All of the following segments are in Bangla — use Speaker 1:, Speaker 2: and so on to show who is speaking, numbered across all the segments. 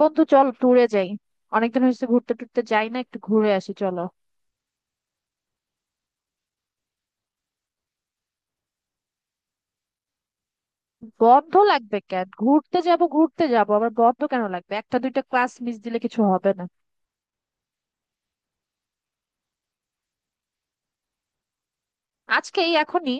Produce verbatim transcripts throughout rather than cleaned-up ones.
Speaker 1: বন্ধু, চল ট্যুরে যাই। অনেকদিন হয়েছে ঘুরতে টুরতে যাই না, একটু ঘুরে আসি চলো। বন্ধ লাগবে কেন? ঘুরতে যাব, ঘুরতে যাব, আবার বন্ধ কেন লাগবে? একটা দুইটা ক্লাস মিস দিলে কিছু হবে না। আজকেই, এখনই।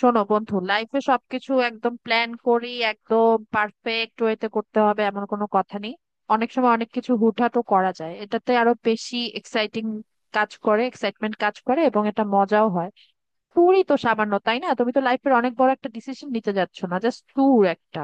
Speaker 1: শোনো বন্ধু, লাইফে সবকিছু একদম প্ল্যান করি, একদম পারফেক্ট ওয়েতে করতে হবে এমন কোনো কথা নেই। অনেক সময় অনেক কিছু হুটহাটও করা যায়, এটাতে আরো বেশি এক্সাইটিং কাজ করে, এক্সাইটমেন্ট কাজ করে এবং এটা মজাও হয়। ট্যুরই তো সামান্য, তাই না? তুমি তো লাইফের অনেক বড় একটা ডিসিশন নিতে যাচ্ছ না, জাস্ট ট্যুর একটা।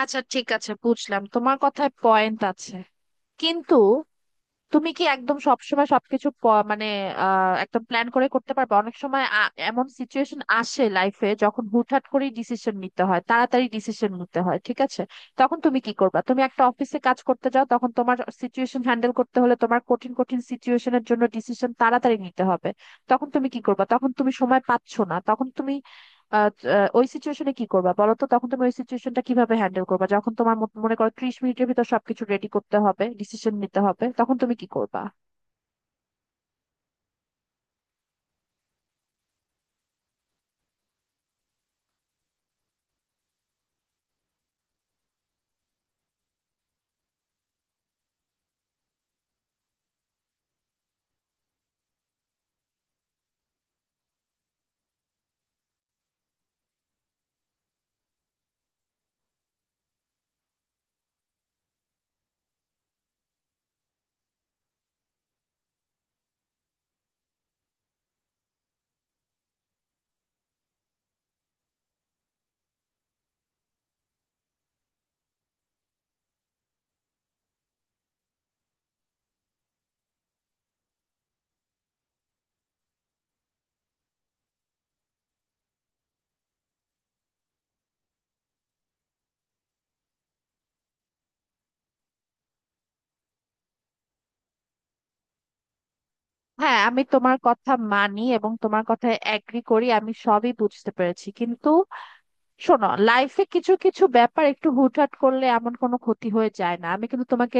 Speaker 1: আচ্ছা ঠিক আছে, বুঝলাম, তোমার কথায় পয়েন্ট আছে। কিন্তু তুমি কি একদম সবসময় সবকিছু প- মানে আহ, একদম প্ল্যান করে করতে পারবে? অনেক সময় আ- এমন সিচুয়েশন আসে লাইফে, যখন হুটহাট করে ডিসিশন নিতে হয়, তাড়াতাড়ি ডিসিশন নিতে হয়, ঠিক আছে? তখন তুমি কি করবা? তুমি একটা অফিসে কাজ করতে যাও, তখন তোমার সিচুয়েশন হ্যান্ডেল করতে হলে, তোমার কঠিন কঠিন সিচুয়েশনের জন্য ডিসিশন তাড়াতাড়ি নিতে হবে। তখন তুমি কি করবা? তখন তুমি সময় পাচ্ছ না, তখন তুমি আহ, আহ, ওই সিচুয়েশনে কি করবা বলো তো? তখন তুমি ওই সিচুয়েশনটা কিভাবে হ্যান্ডেল করবা, যখন তোমার মত- মনে করো ত্রিশ মিনিটের ভিতর সবকিছু রেডি করতে হবে, ডিসিশন নিতে হবে, তখন তুমি কি করবা? হ্যাঁ, আমি তোমার কথা মানি এবং তোমার কথায় অ্যাগ্রি করি, আমি সবই বুঝতে পেরেছি। কিন্তু শোনো, লাইফে কিছু কিছু ব্যাপার একটু হুটহাট করলে এমন কোনো ক্ষতি হয়ে যায় না। আমি কিন্তু তোমাকে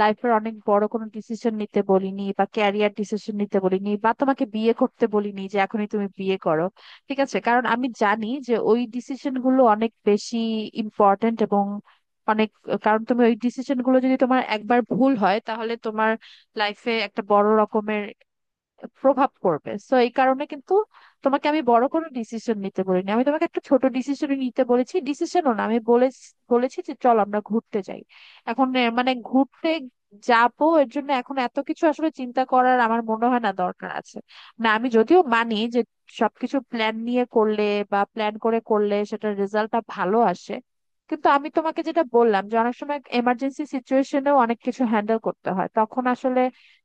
Speaker 1: লাইফের অনেক বড় কোনো ডিসিশন নিতে বলিনি, বা ক্যারিয়ার ডিসিশন নিতে বলিনি, বা তোমাকে বিয়ে করতে বলিনি যে এখনই তুমি বিয়ে করো, ঠিক আছে? কারণ আমি জানি যে ওই ডিসিশন গুলো অনেক বেশি ইম্পর্ট্যান্ট এবং অনেক, কারণ তুমি ওই ডিসিশন গুলো যদি তোমার একবার ভুল হয়, তাহলে তোমার লাইফে একটা বড় রকমের প্রভাব পড়বে। সো এই কারণে কিন্তু তোমাকে আমি বড় কোনো ডিসিশন নিতে বলিনি, আমি তোমাকে একটা ছোট ডিসিশন নিতে বলেছি, ডিসিশনও না, আমি বলে বলেছি যে চল আমরা ঘুরতে যাই। এখন আহ, মানে ঘুরতে যাবো এর জন্য এখন এত কিছু আসলে চিন্তা করার আমার মনে হয় না দরকার আছে। না, আমি যদিও মানি যে সবকিছু প্ল্যান নিয়ে করলে বা প্ল্যান করে করলে সেটার রেজাল্টটা ভালো আসে, কিন্তু আমি তোমাকে যেটা বললাম, যে অনেক সময় এমার্জেন্সি সিচুয়েশনেও অনেক কিছু হ্যান্ডেল করতে হয়, তখন আসলে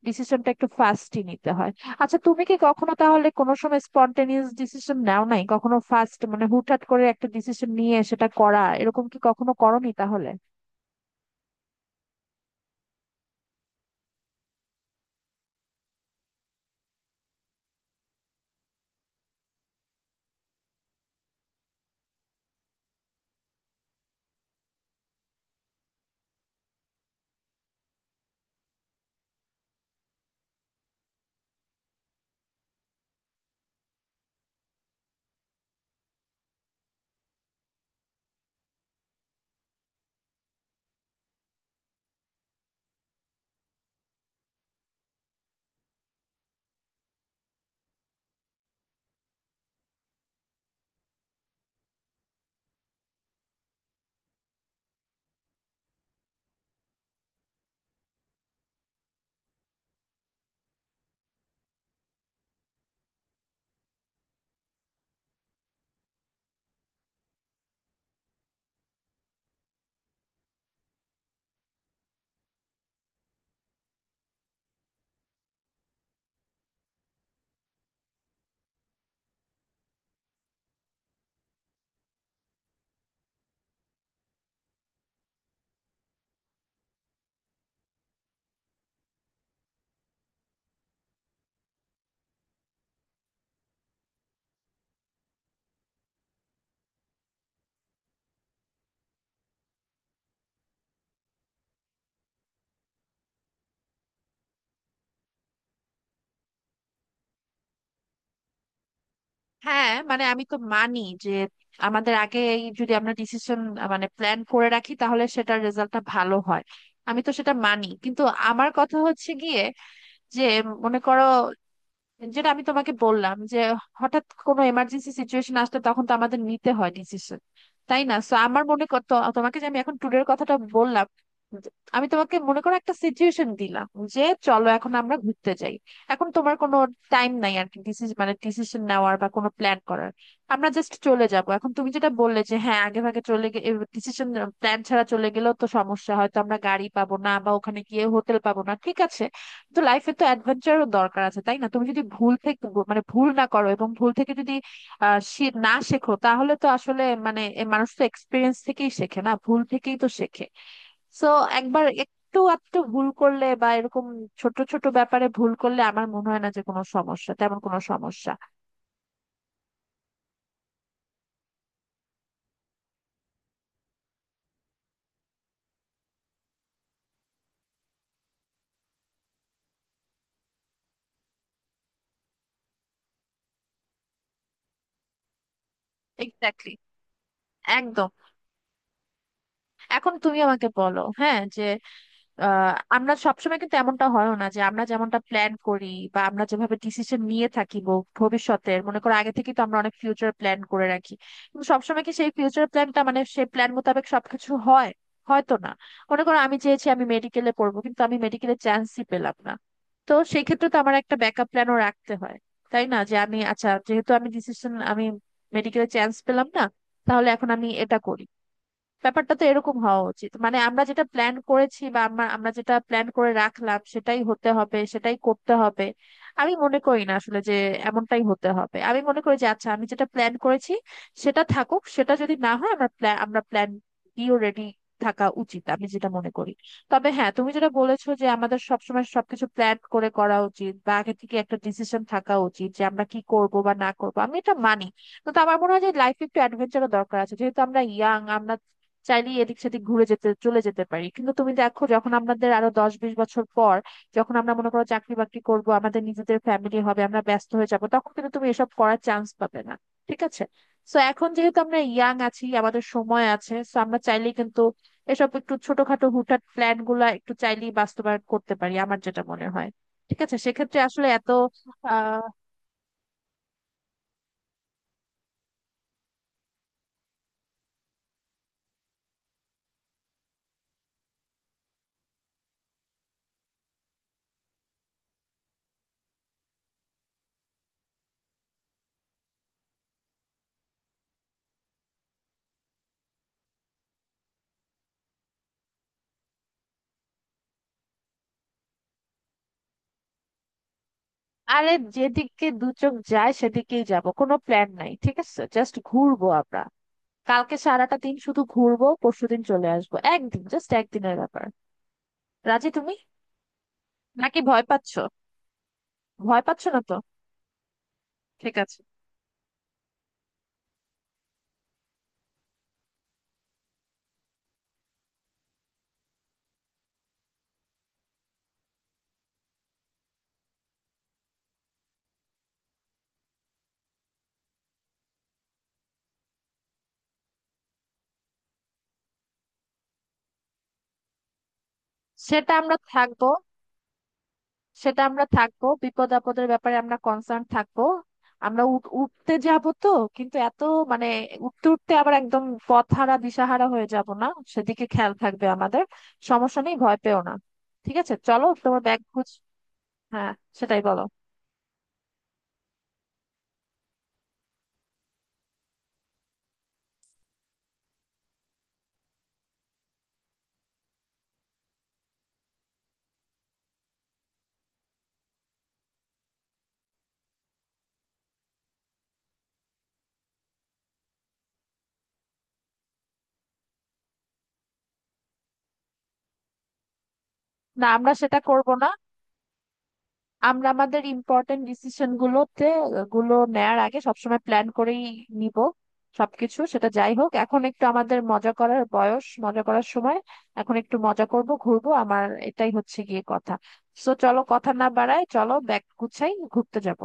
Speaker 1: ডিসিশনটা একটু ফাস্টই নিতে হয়। আচ্ছা, তুমি কি কখনো তাহলে কোনো সময় স্পন্টেনিয়াস ডিসিশন নাও নাই কখনো? ফার্স্ট মানে হুটহাট করে একটা ডিসিশন নিয়ে সেটা করা, এরকম কি কখনো করোনি তাহলে? হ্যাঁ মানে আমি তো মানি যে আমাদের আগে যদি আমরা ডিসিশন মানে প্ল্যান করে রাখি, তাহলে সেটার রেজাল্টটা ভালো হয়, আমি তো সেটা মানি। কিন্তু আমার কথা হচ্ছে গিয়ে যে, মনে করো, যেটা আমি তোমাকে বললাম যে হঠাৎ কোনো এমার্জেন্সি সিচুয়েশন আসলে তখন তো আমাদের নিতে হয় ডিসিশন, তাই না? সো আমার মনে কর তো- তোমাকে যে আমি এখন ট্যুরের কথাটা বললাম, যে- আমি তোমাকে মনে করো একটা সিচুয়েশন দিলাম যে চলো এখন আমরা ঘুরতে যাই। এখন তোমার কোনো টাইম নাই আর কি ডিসিশন মানে ডিসিশন নেওয়ার বা কোনো প্ল্যান করার, আমরা জাস্ট চলে যাব। এখন তুমি যেটা বললে যে হ্যাঁ, আগে ভাগে চলে গেলে ডিসিশন প্ল্যান ছাড়া চলে গেলেও তো সমস্যা, হয়তো আমরা গাড়ি পাবো না বা ওখানে গিয়ে হোটেল পাবো না, ঠিক আছে? তো লাইফে তো অ্যাডভেঞ্চারও দরকার আছে, তাই না? তুমি যদি ভুল থেকে মানে ভুল না করো এবং ভুল থেকে যদি আহ, শি- না শেখো, তাহলে তো আসলে মানে এ মানুষ তো এক্সপিরিয়েন্স থেকেই শেখে না, ভুল থেকেই তো শেখে। সো একবার একটু আধটু ভুল করলে বা এরকম ছোট ছোট ব্যাপারে ভুল করলে আমার মনে হয় না যে কোনো সমস্যা, তেমন কোনো সমস্যা। এক্স্যাক্টলি, একদম। এখন তুমি আমাকে বলো হ্যাঁ, যে আহ আমরা সবসময় কিন্তু এমনটা হয় না যে আমরা যেমনটা প্ল্যান করি বা আমরা যেভাবে ডিসিশন নিয়ে থাকি, ভ- ভবিষ্যতের মনে করো আগে থেকে তো আমরা অনেক ফিউচার প্ল্যান করে রাখি, কিন্তু সবসময় কি সেই ফিউচার প্ল্যানটা মানে সেই প্ল্যান মোতাবেক সবকিছু হয়? হয়তো না। মনে করো আমি চেয়েছি আমি মেডিকেলে পড়বো, কিন্তু আমি মেডিকেলে চান্সই পেলাম না। তো সেই ক্ষেত্রে তো আমার একটা ব্যাকআপ প্ল্যানও রাখতে হয়, তাই না? যে আমি আচ্ছা যেহেতু আমি ডিসিশন আমি মেডিকেলে চান্স পেলাম না, তাহলে এখন আমি এটা করি। ব্যাপারটা তো এরকম হওয়া উচিত, মানে আমরা যেটা প্ল্যান করেছি বা আমরা আমরা যেটা প্ল্যান করে রাখলাম সেটাই হতে হবে, সেটাই করতে হবে আমি মনে করি না আসলে যে। এমনটাই হতে হবে আমি মনে করি যে আচ্ছা আমি যেটা প্ল্যান করেছি সেটা থাকুক, সেটা যদি না হয় আমরা প্ল্যান আমরা প্ল্যান বিও রেডি থাকা উচিত আমি যেটা মনে করি। তবে হ্যাঁ, তুমি যেটা বলেছো যে আমাদের সবসময় সবকিছু প্ল্যান করে করা উচিত বা আগে থেকে একটা ডিসিশন থাকা উচিত যে আমরা কি করব বা না করব, আমি এটা মানি। তো আমার মনে হয় যে লাইফে একটু অ্যাডভেঞ্চারও দরকার আছে, যেহেতু আমরা ইয়াং, আমরা চাইলেই এদিক সেদিক ঘুরে যেতে চলে যেতে পারি। কিন্তু তুমি দেখো, যখন আমাদের আরো দশ বিশ বছর পর, যখন আমরা মনে করো চাকরি বাকরি করবো, আমাদের নিজেদের ফ্যামিলি হবে, আমরা ব্যস্ত হয়ে যাবো, তখন কিন্তু তুমি এসব করার চান্স পাবে না, ঠিক আছে? সো এখন যেহেতু আমরা ইয়াং আছি, আমাদের সময় আছে, সো আমরা চাইলেই কিন্তু এসব একটু ছোটখাটো হুটহাট প্ল্যান গুলা একটু চাইলেই বাস্তবায়ন করতে পারি, আমার যেটা মনে হয়। ঠিক আছে সেক্ষেত্রে আসলে এত আহ আরে, যেদিকে দু চোখ যায় সেদিকেই যাব, কোনো প্ল্যান নাই, ঠিক আছে? জাস্ট ঘুরবো আমরা, কালকে সারাটা দিন শুধু ঘুরবো, পরশুদিন চলে আসবো, একদিন জাস্ট একদিনের ব্যাপার। রাজি তুমি? নাকি ভয় পাচ্ছো? ভয় পাচ্ছো না তো? ঠিক আছে। সেটা আমরা থাকবো সেটা আমরা থাকবো বিপদ আপদের ব্যাপারে আমরা কনসার্ন থাকবো। আমরা উঠ- উঠতে যাব তো, কিন্তু এত মানে উঠতে উঠতে আবার একদম পথহারা দিশাহারা হয়ে যাব না, সেদিকে খেয়াল থাকবে আমাদের। সমস্যা নেই, ভয় পেও না। ঠিক আছে, চলো তোমার ব্যাগ গুছ। হ্যাঁ, সেটাই বলো। না, আমরা সেটা করব না। আমরা আমাদের ইম্পর্টেন্ট ডিসিশন গুলোতে গুলো নেয়ার আগে সবসময় প্ল্যান করেই নিব সবকিছু। সেটা যাই হোক, এখন একটু আমাদের মজা করার বয়স, মজা করার সময়, এখন একটু মজা করব, ঘুরবো, আমার এটাই হচ্ছে গিয়ে কথা। সো চলো, কথা না বাড়ায় চলো ব্যাগ গুছাই, ঘুরতে যাব।